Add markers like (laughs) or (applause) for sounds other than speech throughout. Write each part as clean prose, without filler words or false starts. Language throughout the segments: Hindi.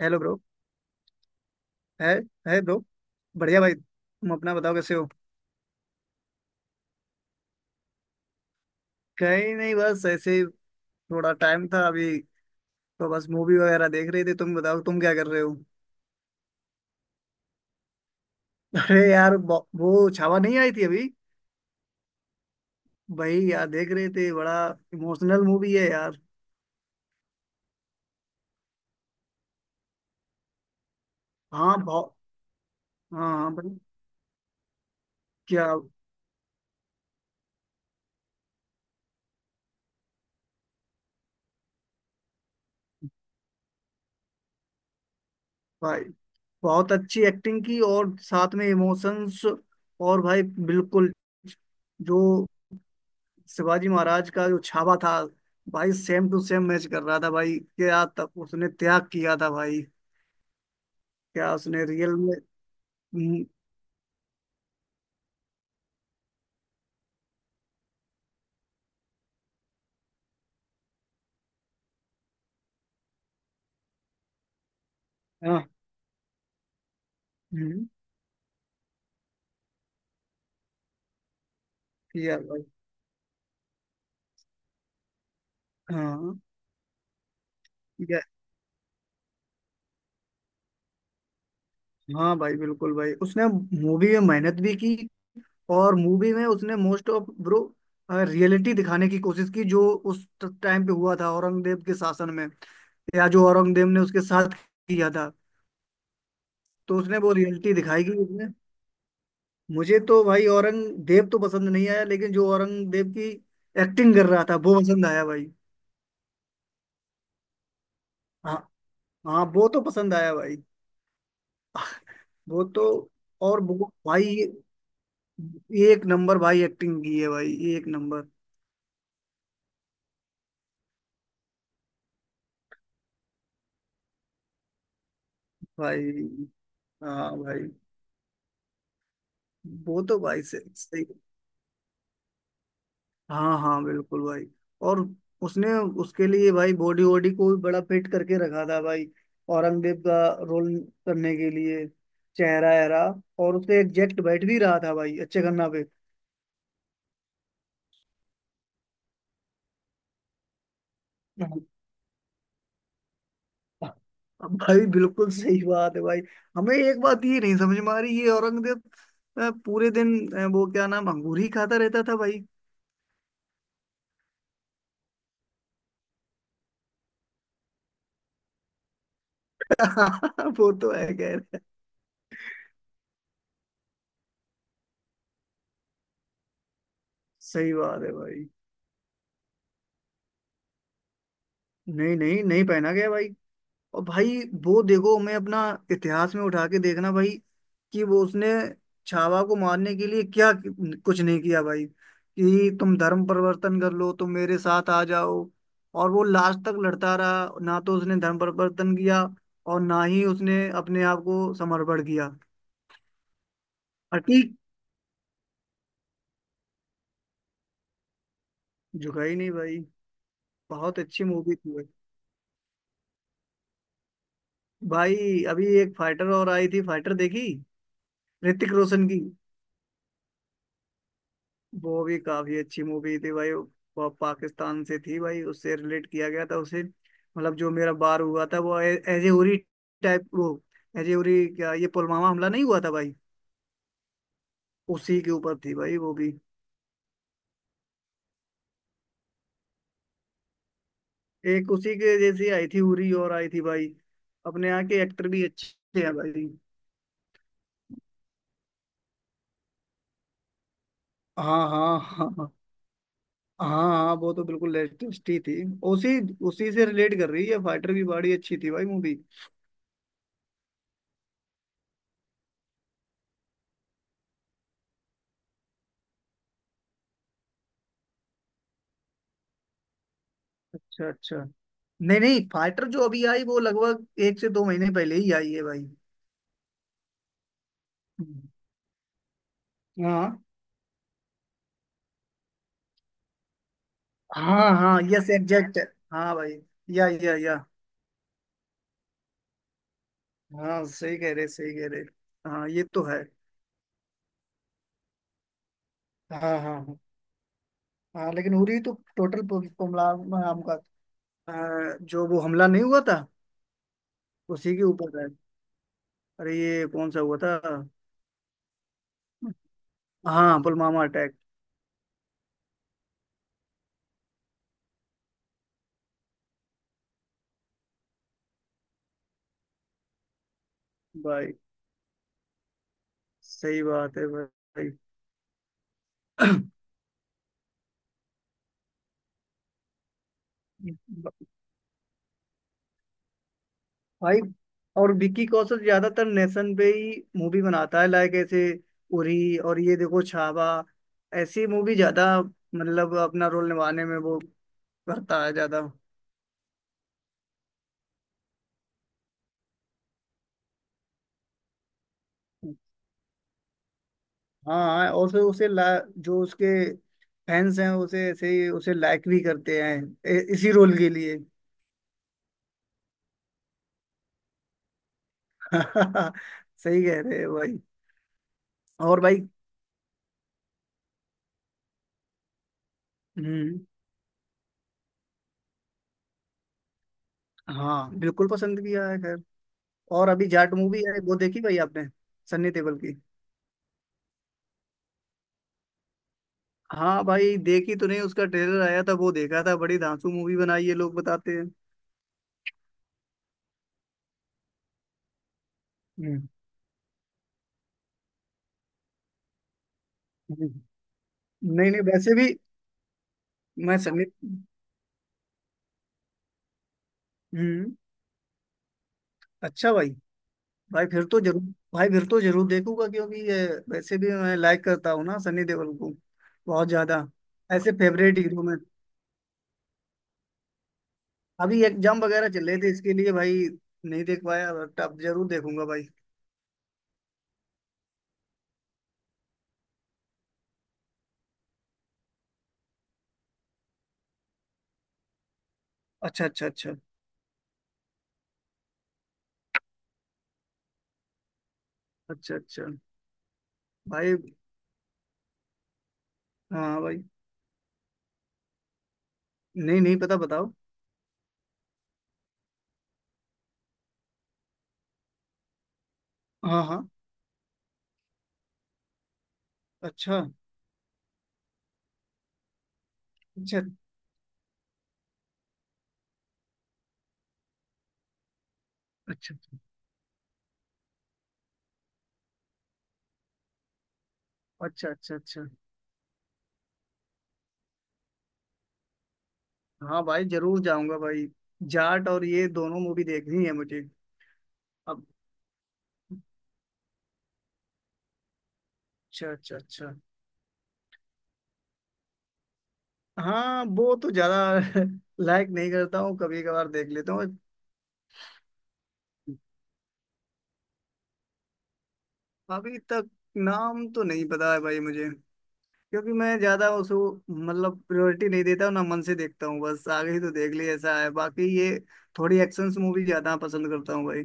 Hello bro. है। है ब्रो। बढ़िया भाई, तुम अपना बताओ कैसे हो। कहीं नहीं, बस ऐसे ही। थोड़ा टाइम था अभी तो बस मूवी वगैरह देख रहे थे। तुम बताओ तुम क्या कर रहे हो। अरे यार, वो छावा नहीं आई थी अभी। भाई यार देख रहे थे। बड़ा इमोशनल मूवी है यार। हाँ, बहुत। हाँ हाँ भाई। क्या। भाई, बहुत अच्छी एक्टिंग की और साथ में इमोशंस, और भाई बिल्कुल। जो शिवाजी महाराज का जो छावा था भाई, सेम टू सेम मैच कर रहा था भाई। क्या तब उसने त्याग किया था भाई। क्या उसने रियल में। हम्म। हाँ। हम्म। किया भाई। हाँ। या- हाँ भाई, बिल्कुल भाई, उसने मूवी में मेहनत भी की, और मूवी में उसने मोस्ट ऑफ ब्रो रियलिटी दिखाने की कोशिश की जो उस टाइम पे हुआ था औरंगजेब के शासन में, या जो औरंगजेब ने उसके साथ किया था। तो उसने वो रियलिटी दिखाई कि उसने। मुझे तो भाई औरंगजेब तो पसंद नहीं आया, लेकिन जो औरंगजेब की एक्टिंग कर रहा था वो पसंद आया भाई। हाँ हाँ, वो तो पसंद आया भाई। वो तो और वो, भाई ये एक नंबर भाई एक्टिंग की है, भाई एक नंबर। भाई हाँ भाई। वो तो भाई सही। हाँ हाँ, बिल्कुल भाई। और उसने, उसके लिए भाई बॉडी वॉडी को भी बड़ा फिट करके रखा था भाई, औरंगजेब का रोल करने के लिए। चेहरा एहरा और उसके एग्जैक्ट बैठ भी रहा था भाई, अच्छे गन्ना पे। हम्म। अब भाई बिल्कुल सही बात है भाई। हमें एक बात ये नहीं समझ में आ रही, ये औरंगजेब पूरे दिन वो क्या नाम, अंगूर ही खाता रहता था भाई। (laughs) वो तो है, कह रहे। सही बात है भाई। नहीं नहीं नहीं, पहना गया भाई। और भाई वो देखो, मैं अपना इतिहास में उठा के देखना भाई, कि वो उसने छावा को मारने के लिए क्या कुछ नहीं किया भाई, कि तुम धर्म परिवर्तन कर लो, तुम मेरे साथ आ जाओ। और वो लास्ट तक लड़ता रहा ना, तो उसने धर्म परिवर्तन किया, और ना ही उसने अपने आप को समर्पण किया। अटीक। झुका ही नहीं भाई। बहुत अच्छी मूवी थी भाई। भाई अभी एक फाइटर और आई थी, फाइटर देखी, ऋतिक रोशन की। वो भी काफी अच्छी मूवी थी भाई। वो पाकिस्तान से थी भाई, उससे रिलेट किया गया था उसे, मतलब जो मेरा बार हुआ था वो एजे उरी टाइप वो। एजे उरी क्या, ये पुलवामा हमला नहीं हुआ था भाई। उसी के ऊपर थी भाई वो भी। एक उसी के जैसी आई थी, उरी और आई थी भाई। अपने यहाँ के एक्टर भी अच्छे हैं भाई। हाँ हाँ हाँ। हाँ हाँ, वो तो बिल्कुल लेटेस्ट ही थी। उसी उसी से रिलेट कर रही है, फाइटर भी बड़ी अच्छी थी भाई मूवी। अच्छा, अच्छा। नहीं नहीं, फाइटर जो अभी आई वो लगभग 1 से 2 महीने पहले ही आई है भाई। हम्म। हाँ हाँ हाँ, यस एग्जैक्ट। हाँ भाई। या या। हाँ सही कह रहे, सही कह रहे। हाँ ये तो है। हाँ हाँ हाँ हाँ, लेकिन उरी तो टोटल पुमला नाम का जो वो हमला नहीं हुआ था, उसी के ऊपर है। अरे ये कौन सा हुआ था। हाँ, पुलवामा अटैक। भाई सही बात है भाई। (clears throat) भाई, और विक्की कौशल ज्यादातर नेशन पे ही मूवी बनाता है, लाइक ऐसे, उरी और ये देखो छावा। ऐसी मूवी ज्यादा, मतलब अपना रोल निभाने में वो करता है ज्यादा। हाँ, और फिर उसे जो उसके फैंस हैं उसे ऐसे ही, उसे लाइक भी करते हैं इसी रोल के लिए। (laughs) सही कह रहे हैं भाई। और भाई। हम्म। हाँ, बिल्कुल पसंद किया है, खैर। और अभी जाट मूवी है, वो देखी भाई आपने, सन्नी देओल की। हाँ भाई, देखी तो नहीं, उसका ट्रेलर आया था वो देखा था, बड़ी धांसू मूवी बनाई है, लोग बताते हैं। हम्म। हम्म। नहीं नहीं, वैसे भी मैं सनी। हम्म। अच्छा भाई। भाई फिर तो जरूर। भाई फिर तो जरूर देखूंगा क्योंकि ये, वैसे भी मैं लाइक करता हूँ ना सनी देओल को, बहुत ज्यादा। ऐसे फेवरेट हीरो में। अभी एग्जाम वगैरह चल रहे थे, इसके लिए भाई नहीं देख पाया, बट अब जरूर देखूंगा भाई। अच्छा अच्छा अच्छा। अच्छा, अच्छा भाई। हाँ भाई। नहीं नहीं पता, बताओ। हाँ हाँ। अच्छा अच्छा अच्छा। अच्छा अच्छा अच्छा। हाँ भाई, जरूर जाऊंगा भाई। जाट और ये, दोनों मूवी देखनी है मुझे। अब अच्छा अच्छा अच्छा। हाँ वो तो ज्यादा (laughs) लाइक नहीं करता हूँ, कभी कभार देख लेता हूँ। अभी तक नाम तो नहीं पता है भाई मुझे, क्योंकि मैं ज्यादा उसको, मतलब प्रायोरिटी नहीं देता हूँ ना, मन से देखता हूँ बस, आगे ही तो देख ली, ऐसा है बाकी ये, थोड़ी एक्शन मूवी ज्यादा पसंद करता हूँ भाई।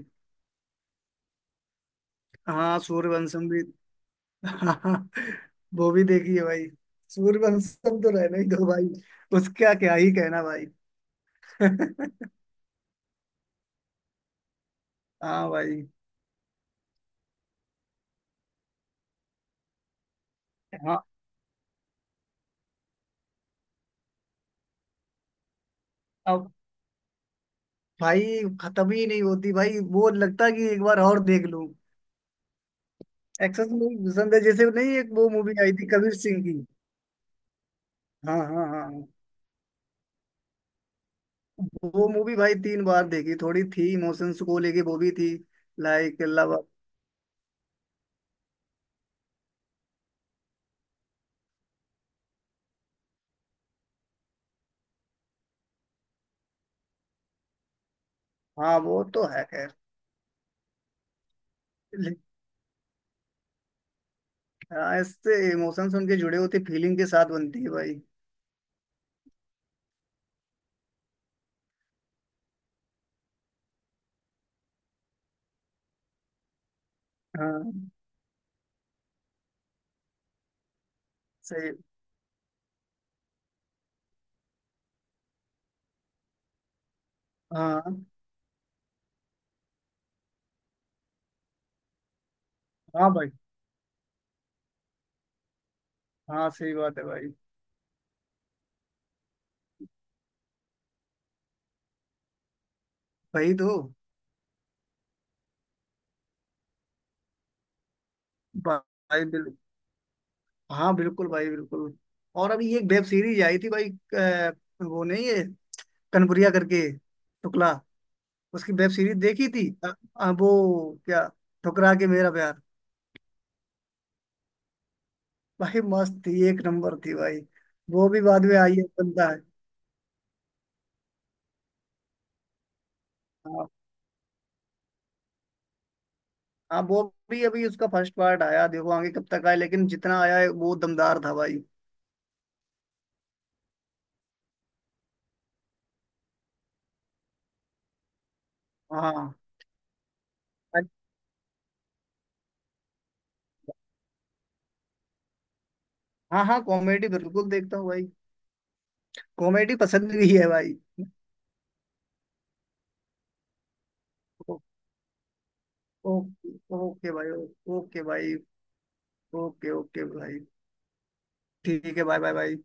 हाँ, सूर्यवंशम भी। (laughs) हाँ, वो भी देखी है भाई। सूर्यवंशम तो रहने ही दो भाई। उसका क्या ही कहना भाई। (laughs) हाँ भाई। हाँ अब भाई, खत्म ही नहीं होती भाई, वो लगता है कि एक बार और देख लूं। एक्सेस मूवी पसंद है, जैसे नहीं, एक वो मूवी आई थी कबीर सिंह की। हाँ हाँ हाँ हाँ। वो मूवी भाई 3 बार देखी थोड़ी थी, इमोशंस को लेके वो भी थी, लाइक लव। हाँ वो तो है, खैर। लेकिन- हाँ, इससे इमोशंस उनके जुड़े होते, फीलिंग के साथ बनती है भाई। हाँ सही। हाँ हाँ भाई। हाँ सही बात है भाई। भाई तो। भा- भाई बिल, हाँ बिल्कुल भाई, बिल्कुल। और अभी एक वेब सीरीज आई थी भाई, अ, वो नहीं है, कनपुरिया करके टुकला, उसकी वेब सीरीज देखी थी, वो क्या, ठुकरा के मेरा प्यार। भाई मस्त थी, एक नंबर थी भाई। वो भी बाद में आई है, बनता है। हाँ हाँ। वो भी अभी उसका फर्स्ट पार्ट आया, देखो आगे कब तक आया, लेकिन जितना आया है वो दमदार था भाई। हाँ हाँ हाँ। हाँ, कॉमेडी बिल्कुल देखता हूँ भाई। कॉमेडी पसंद भी है भाई। ओ- ओ- ओके भाई। ओके भाई। ओके ओके भाई। ठीक है, बाय बाय भाई।